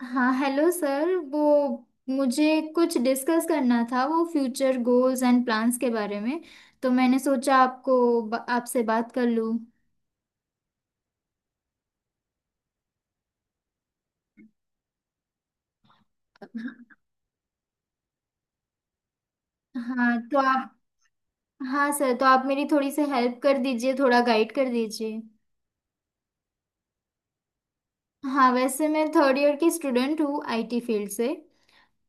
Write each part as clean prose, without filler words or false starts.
हाँ, hello sir, वो मुझे कुछ डिस्कस करना था वो फ्यूचर गोल्स एंड प्लान्स के बारे में। तो मैंने सोचा आपको आपसे बात कर लूँ। हाँ, तो आप। हाँ सर, तो आप मेरी थोड़ी सी हेल्प कर दीजिए, थोड़ा गाइड कर दीजिए। हाँ, वैसे मैं थर्ड ईयर की स्टूडेंट हूँ, IT फील्ड से।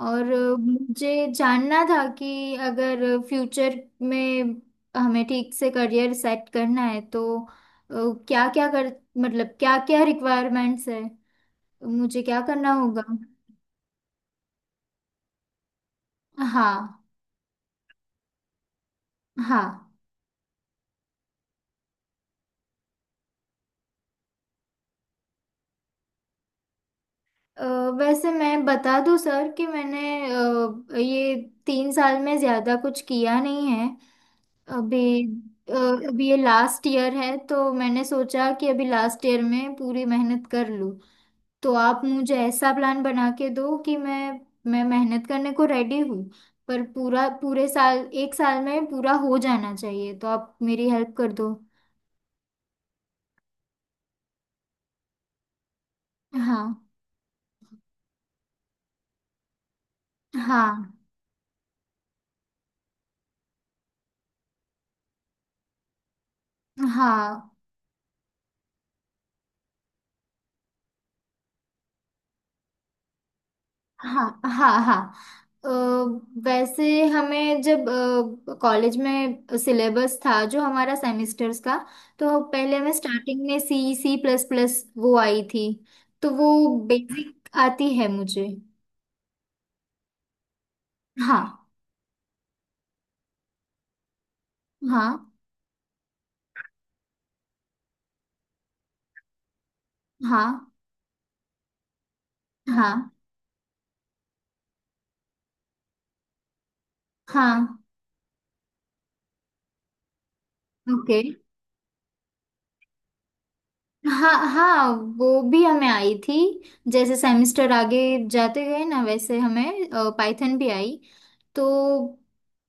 और मुझे जानना था कि अगर फ्यूचर में हमें ठीक से करियर सेट करना है तो क्या क्या कर मतलब क्या क्या रिक्वायरमेंट्स है, मुझे क्या करना होगा। हाँ, हाँ। अ, वैसे मैं बता दूं सर, कि मैंने ये तीन साल में ज़्यादा कुछ किया नहीं है अभी। अ, अभी ये लास्ट ईयर है, तो मैंने सोचा कि अभी लास्ट ईयर में पूरी मेहनत कर लूँ। तो आप मुझे ऐसा प्लान बना के दो कि मैं मेहनत करने को रेडी हूँ, पर पूरा पूरे साल, एक साल में पूरा हो जाना चाहिए, तो आप मेरी हेल्प कर दो। हाँ, हाँ, हाँ, हाँ, हाँ, हाँ। अ, वैसे हमें जब कॉलेज में सिलेबस था जो हमारा सेमेस्टर्स का, तो पहले हमें स्टार्टिंग में सी, सी प्लस प्लस वो आई थी। तो वो बेसिक आती है मुझे। हाँ, हाँ, हाँ, हाँ, हाँ। ओके। हाँ, हाँ, वो भी हमें आई थी। जैसे सेमेस्टर आगे जाते गए ना, वैसे हमें पाइथन भी आई। तो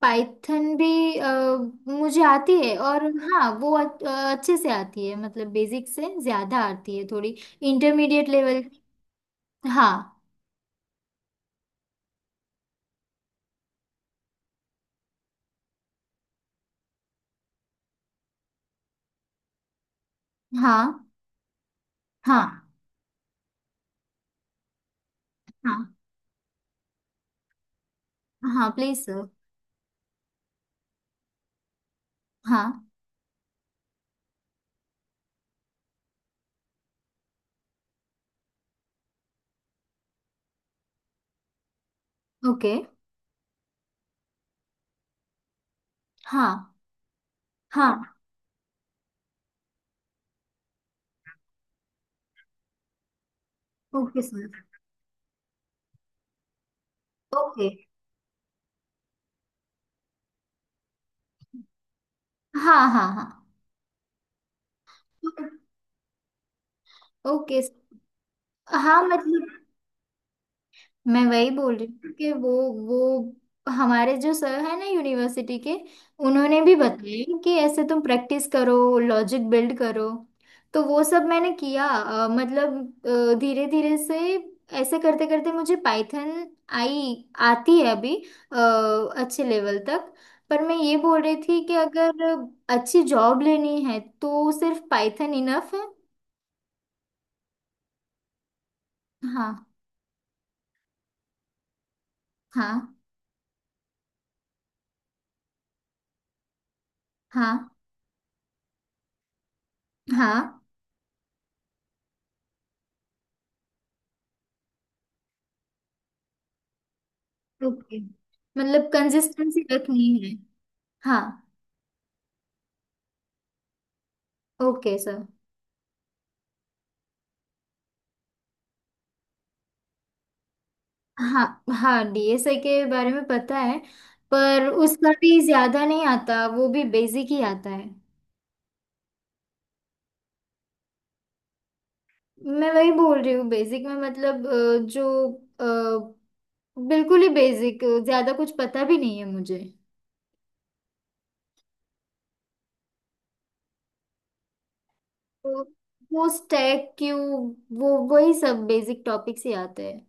पाइथन भी मुझे आती है, और हाँ वो अच्छे से आती है, मतलब बेसिक से ज़्यादा आती है थोड़ी, इंटरमीडिएट लेवल की। हाँ, हाँ, हाँ, हाँ, हाँ, प्लीज सर। हाँ। ओके। हाँ, हाँ। Okay sir. ओके। हाँ, हाँ, हाँ। ओके। हाँ, मतलब मैं वही बोल रही हूँ कि वो हमारे जो सर है ना यूनिवर्सिटी के, उन्होंने भी बताया कि ऐसे तुम प्रैक्टिस करो, लॉजिक बिल्ड करो। तो वो सब मैंने किया, मतलब धीरे धीरे से, ऐसे करते करते मुझे पाइथन आई आती है अभी, अ, अच्छे लेवल तक। पर मैं ये बोल रही थी कि अगर अच्छी जॉब लेनी है तो सिर्फ पाइथन इनफ है। हाँ, हाँ, हाँ, हाँ। ओके, मतलब कंसिस्टेंसी रखनी है। हाँ। Okay sir. हाँ, हाँ, DSA के बारे में पता है, पर उसका भी ज्यादा नहीं आता, वो भी बेसिक ही आता है। मैं वही बोल रही हूँ बेसिक में, मतलब जो अ, बिल्कुल ही बेसिक, ज्यादा कुछ पता भी नहीं है मुझे। तो वो स्टैक क्यू, वो वही सब बेसिक टॉपिक्स ही आते हैं,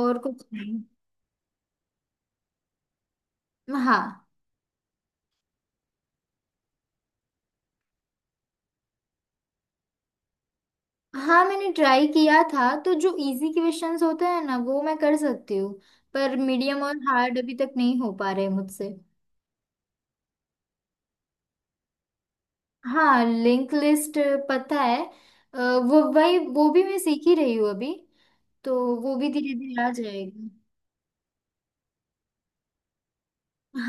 और कुछ नहीं। हाँ, हाँ, मैंने ट्राई किया था, तो जो इजी क्वेश्चंस होते हैं ना वो मैं कर सकती हूँ, पर मीडियम और हार्ड अभी तक नहीं हो पा रहे मुझसे। हाँ, लिंक लिस्ट पता है। वो वही वो भी मैं सीख ही रही हूँ अभी, तो वो भी धीरे धीरे आ जाएगा।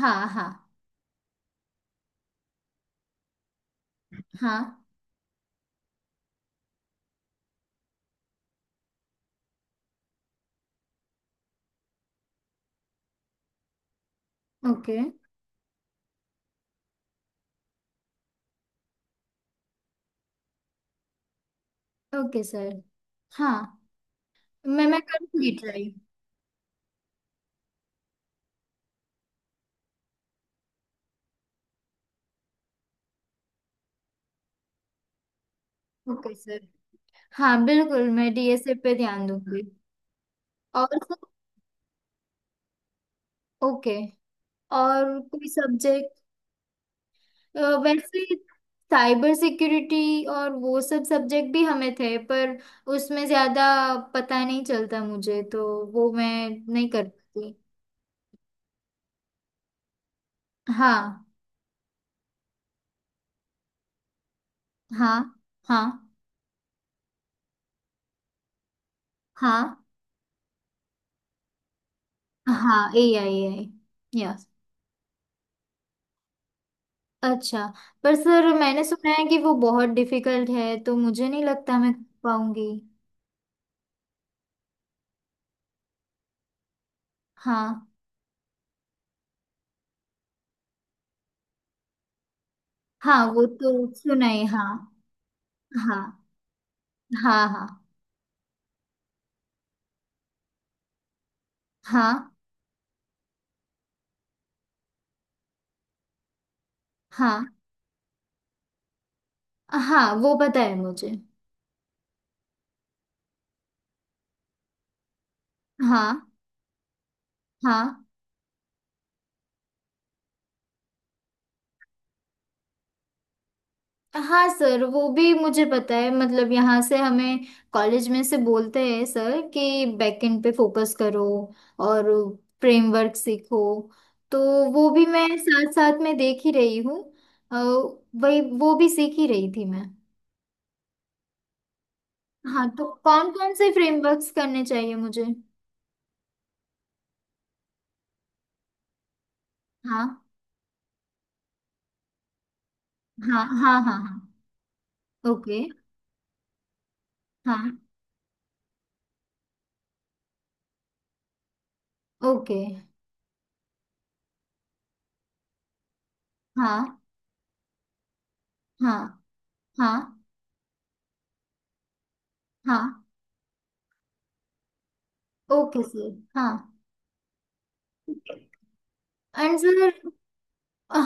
हाँ, हाँ, हाँ। ओके। Okay sir. हाँ, मैं करूँगी ट्राई। Okay sir. हाँ, बिल्कुल, मैं DSA पे ध्यान दूंगी। और सर, ओके, और कोई सब्जेक्ट? वैसे साइबर सिक्योरिटी और वो सब सब्जेक्ट भी हमें थे, पर उसमें ज्यादा पता नहीं चलता मुझे, तो वो मैं नहीं कर पाती। हाँ, हाँ, हाँ, हाँ, हाँ, AI आई यस। अच्छा, पर सर मैंने सुना है कि वो बहुत डिफिकल्ट है, तो मुझे नहीं लगता मैं कर पाऊंगी। हाँ, हाँ, वो तो सुना है, हाँ। हाँ, हाँ, हाँ, हाँ, हाँ, हाँ, वो पता है मुझे। हाँ, हाँ, हाँ सर, वो भी मुझे पता है, मतलब यहाँ से हमें कॉलेज में से बोलते हैं सर कि बैकएंड पे फोकस करो और फ्रेमवर्क सीखो, तो वो भी मैं साथ साथ में देख ही रही हूँ। अ, वही वो भी सीख ही रही थी मैं। हाँ, तो कौन कौन से फ्रेमवर्क्स करने चाहिए मुझे? हाँ, हाँ, हाँ, हाँ, हाँ। ओके। हाँ। ओके। हाँ, हाँ, हाँ, हाँ। Okay sir. हाँ। एंड सर,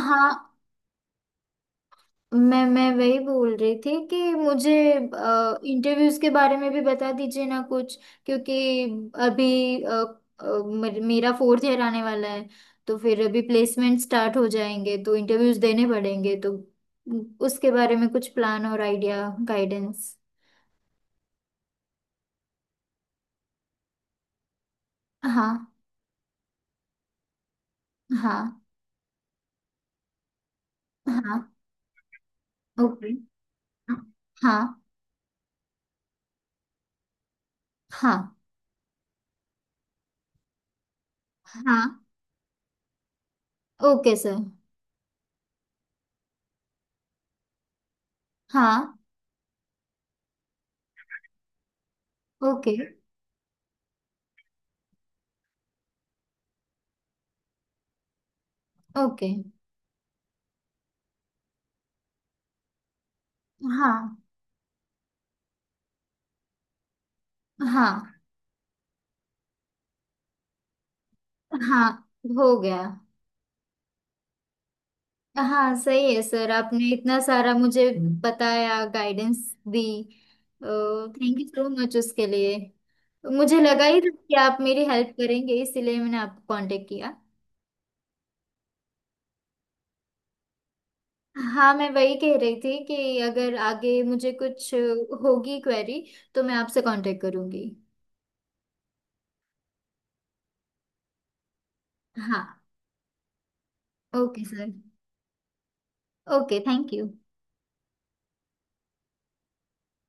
हाँ, मैं वही बोल रही थी कि मुझे इंटरव्यूज के बारे में भी बता दीजिए ना कुछ। क्योंकि अभी मेरा फोर्थ ईयर आने वाला है, तो फिर अभी प्लेसमेंट स्टार्ट हो जाएंगे, तो इंटरव्यूज देने पड़ेंगे, तो उसके बारे में कुछ प्लान और आइडिया, गाइडेंस। हाँ, हाँ, हाँ। ओके। हाँ, हाँ, हाँ। Okay sir. हाँ। ओके। ओके। हाँ, हाँ, हाँ, हो गया। हाँ, सही है सर, आपने इतना सारा मुझे बताया, गाइडेंस दी, थैंक यू सो मच उसके लिए। मुझे लगा ही था कि आप मेरी हेल्प करेंगे, इसीलिए मैंने आपको कांटेक्ट किया। हाँ, मैं वही कह रही थी कि अगर आगे मुझे कुछ होगी क्वेरी, तो मैं आपसे कांटेक्ट करूंगी। हाँ। Okay sir. Okay, thank you.